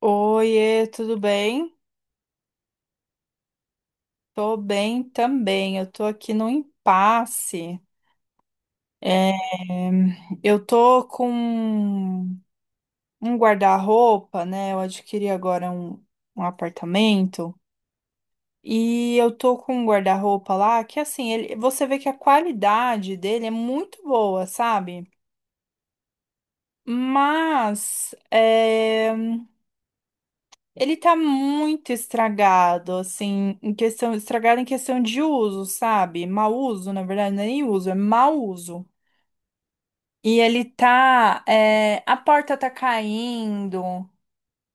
Oiê, tudo bem? Tô bem também. Eu tô aqui no impasse. É, eu tô com um guarda-roupa, né? Eu adquiri agora um apartamento e eu tô com um guarda-roupa lá que assim, ele, você vê que a qualidade dele é muito boa, sabe? Mas ele tá muito estragado, assim, em questão, estragado em questão de uso, sabe? Mau uso, na verdade, não é nem uso, é mau uso. E ele tá, é, a porta tá caindo,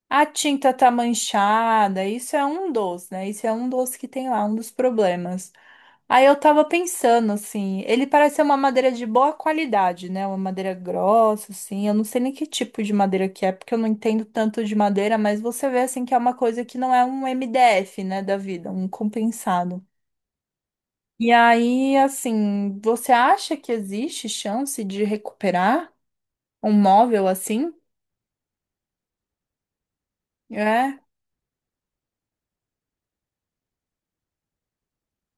a tinta tá manchada, isso é um dos, né? Isso é um dos que tem lá, um dos problemas. Aí eu tava pensando, assim, ele parece ser uma madeira de boa qualidade, né? Uma madeira grossa, assim. Eu não sei nem que tipo de madeira que é, porque eu não entendo tanto de madeira, mas você vê, assim, que é uma coisa que não é um MDF, né, da vida, um compensado. E aí, assim, você acha que existe chance de recuperar um móvel assim? É,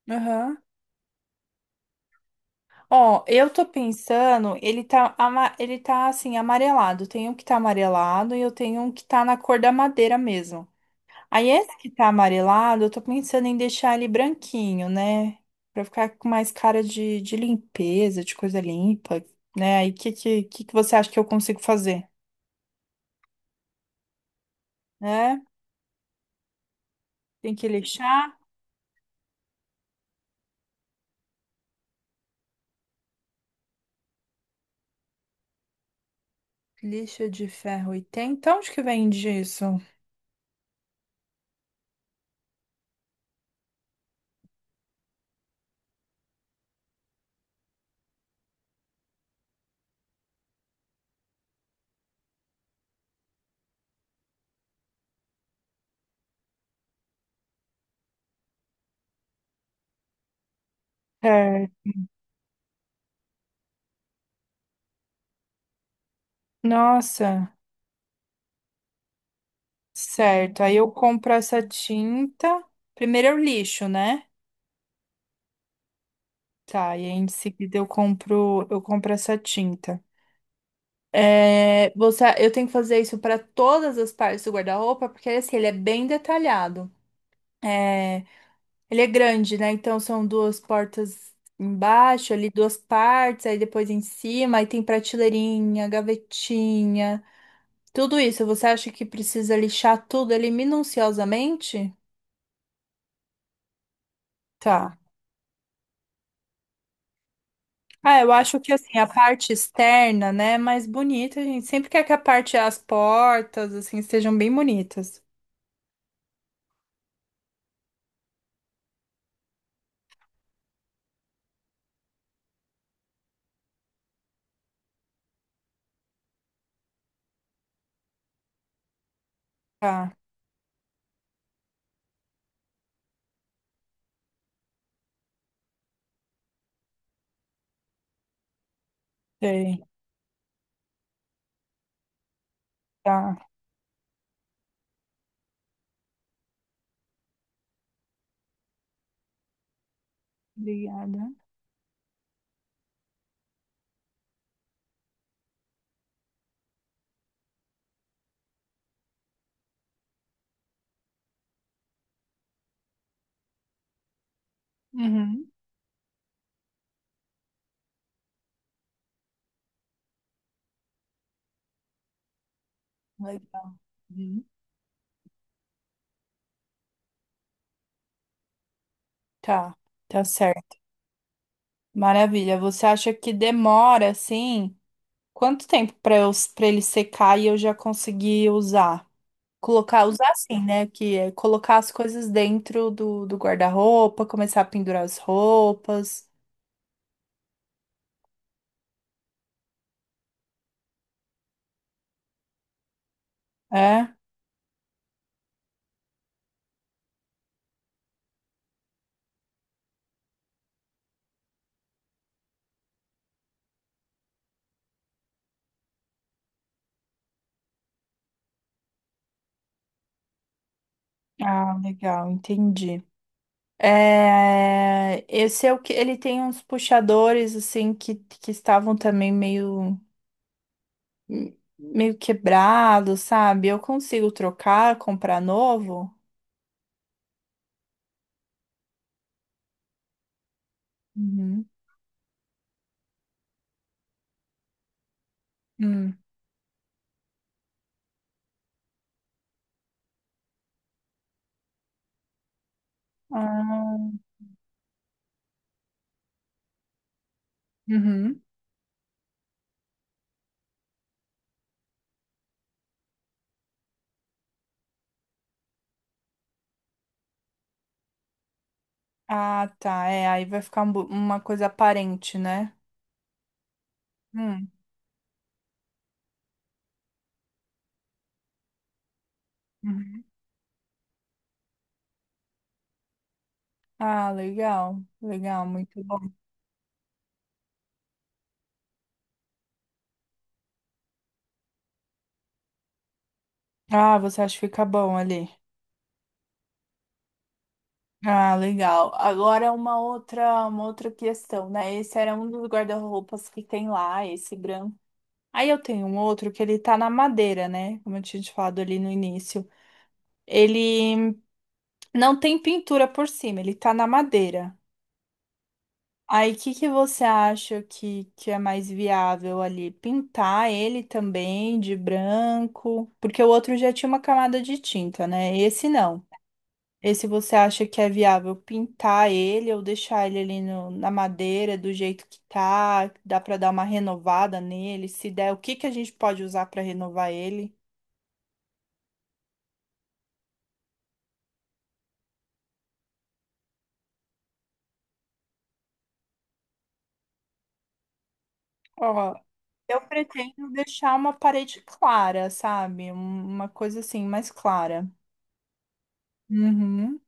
aham. Ó, eu tô pensando, ele tá, ele tá assim, amarelado. Tem um que tá amarelado e eu tenho um que tá na cor da madeira mesmo. Aí esse que tá amarelado, eu tô pensando em deixar ele branquinho, né? Pra ficar com mais cara de limpeza, de coisa limpa, né? Aí o que que você acha que eu consigo fazer? Né? Tem que lixar? Lixa de ferro e tem. Então, onde que vende isso? É. Nossa, certo. Aí eu compro essa tinta. Primeiro eu lixo, né? Tá, e aí em seguida eu compro essa tinta. É, você, eu tenho que fazer isso para todas as partes do guarda-roupa, porque assim, ele é bem detalhado. É, Ele é grande, né? Então são duas portas embaixo, ali duas partes, aí depois em cima, aí tem prateleirinha, gavetinha. Tudo isso, você acha que precisa lixar tudo ali minuciosamente? Tá. Ah, eu acho que assim, a parte externa, né, é mais bonita, a gente sempre quer que a parte, as portas, assim, sejam bem bonitas. Tá, sei, tá. Obrigada. Uhum. Legal. Uhum. Tá, tá certo. Maravilha. Você acha que demora assim? Quanto tempo para eu para ele secar e eu já conseguir usar? Colocar, usar assim, né? Que é colocar as coisas dentro do, do guarda-roupa, começar a pendurar as roupas. É? Ah, legal, entendi. É, esse é o que ele tem uns puxadores assim que estavam também meio. Meio quebrado, sabe? Eu consigo trocar, comprar novo? Uhum. Hum. Ah, uhum. Ah, tá. É, aí vai ficar uma coisa aparente, né? Hum. Uhum. Ah, legal. Legal, muito bom. Ah, você acha que fica bom ali? Ah, legal. Agora uma outra questão, né? Esse era um dos guarda-roupas que tem lá, esse branco. Aí eu tenho um outro que ele tá na madeira, né? Como eu tinha te falado ali no início. Ele não tem pintura por cima, ele tá na madeira. Aí, o que você acha que é mais viável ali? Pintar ele também de branco? Porque o outro já tinha uma camada de tinta, né? Esse não. Esse você acha que é viável pintar ele ou deixar ele ali na madeira do jeito que tá? Dá pra dar uma renovada nele? Se der, o que que a gente pode usar pra renovar ele? Ó, eu pretendo deixar uma parede clara, sabe? Uma coisa assim, mais clara. Uhum.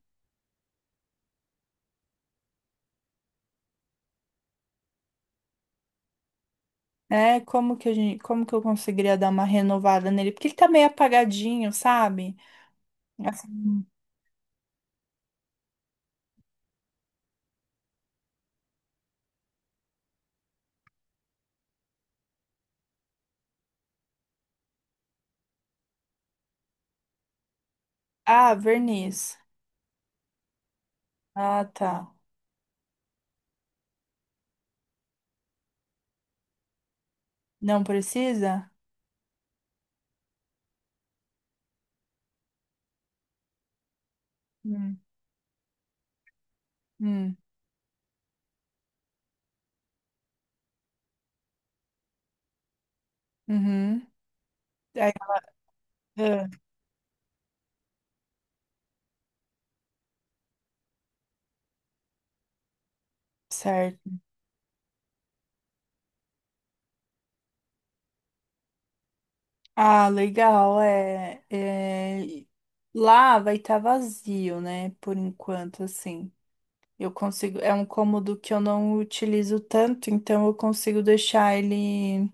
É, como que eu conseguiria dar uma renovada nele? Porque ele tá meio apagadinho, sabe? Assim, ah, verniz. Ah, tá. Não precisa? Hum. Hum. Uhum. Aí, ah, certo. Ah, legal. É, é... Lá vai estar vazio, né? Por enquanto, assim. Eu consigo. É um cômodo que eu não utilizo tanto, então eu consigo deixar ele.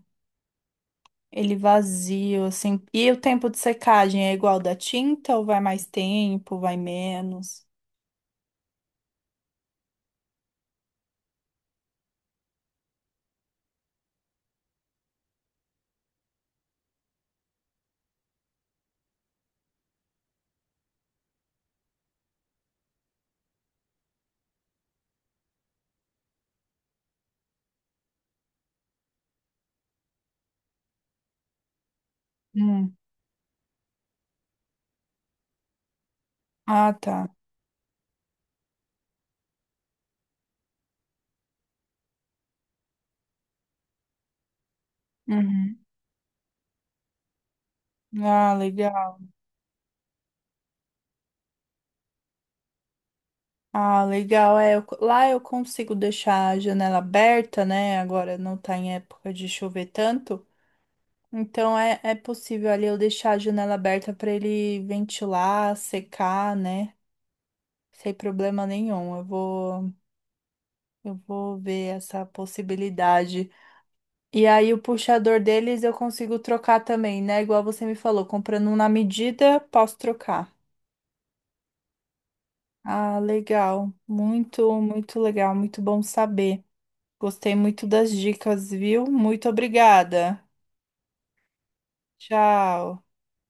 Ele vazio, assim. E o tempo de secagem é igual da tinta ou vai mais tempo, vai menos? Hum. Ah, tá. Uhum. Ah, legal. Ah, legal. Lá eu consigo deixar a janela aberta, né? Agora não tá em época de chover tanto. Então é, é possível ali eu deixar a janela aberta para ele ventilar, secar, né? Sem problema nenhum. Eu vou ver essa possibilidade. E aí, o puxador deles eu consigo trocar também, né? Igual você me falou, comprando um na medida, posso trocar. Ah, legal. Muito, muito legal. Muito bom saber. Gostei muito das dicas, viu? Muito obrigada. Tchau.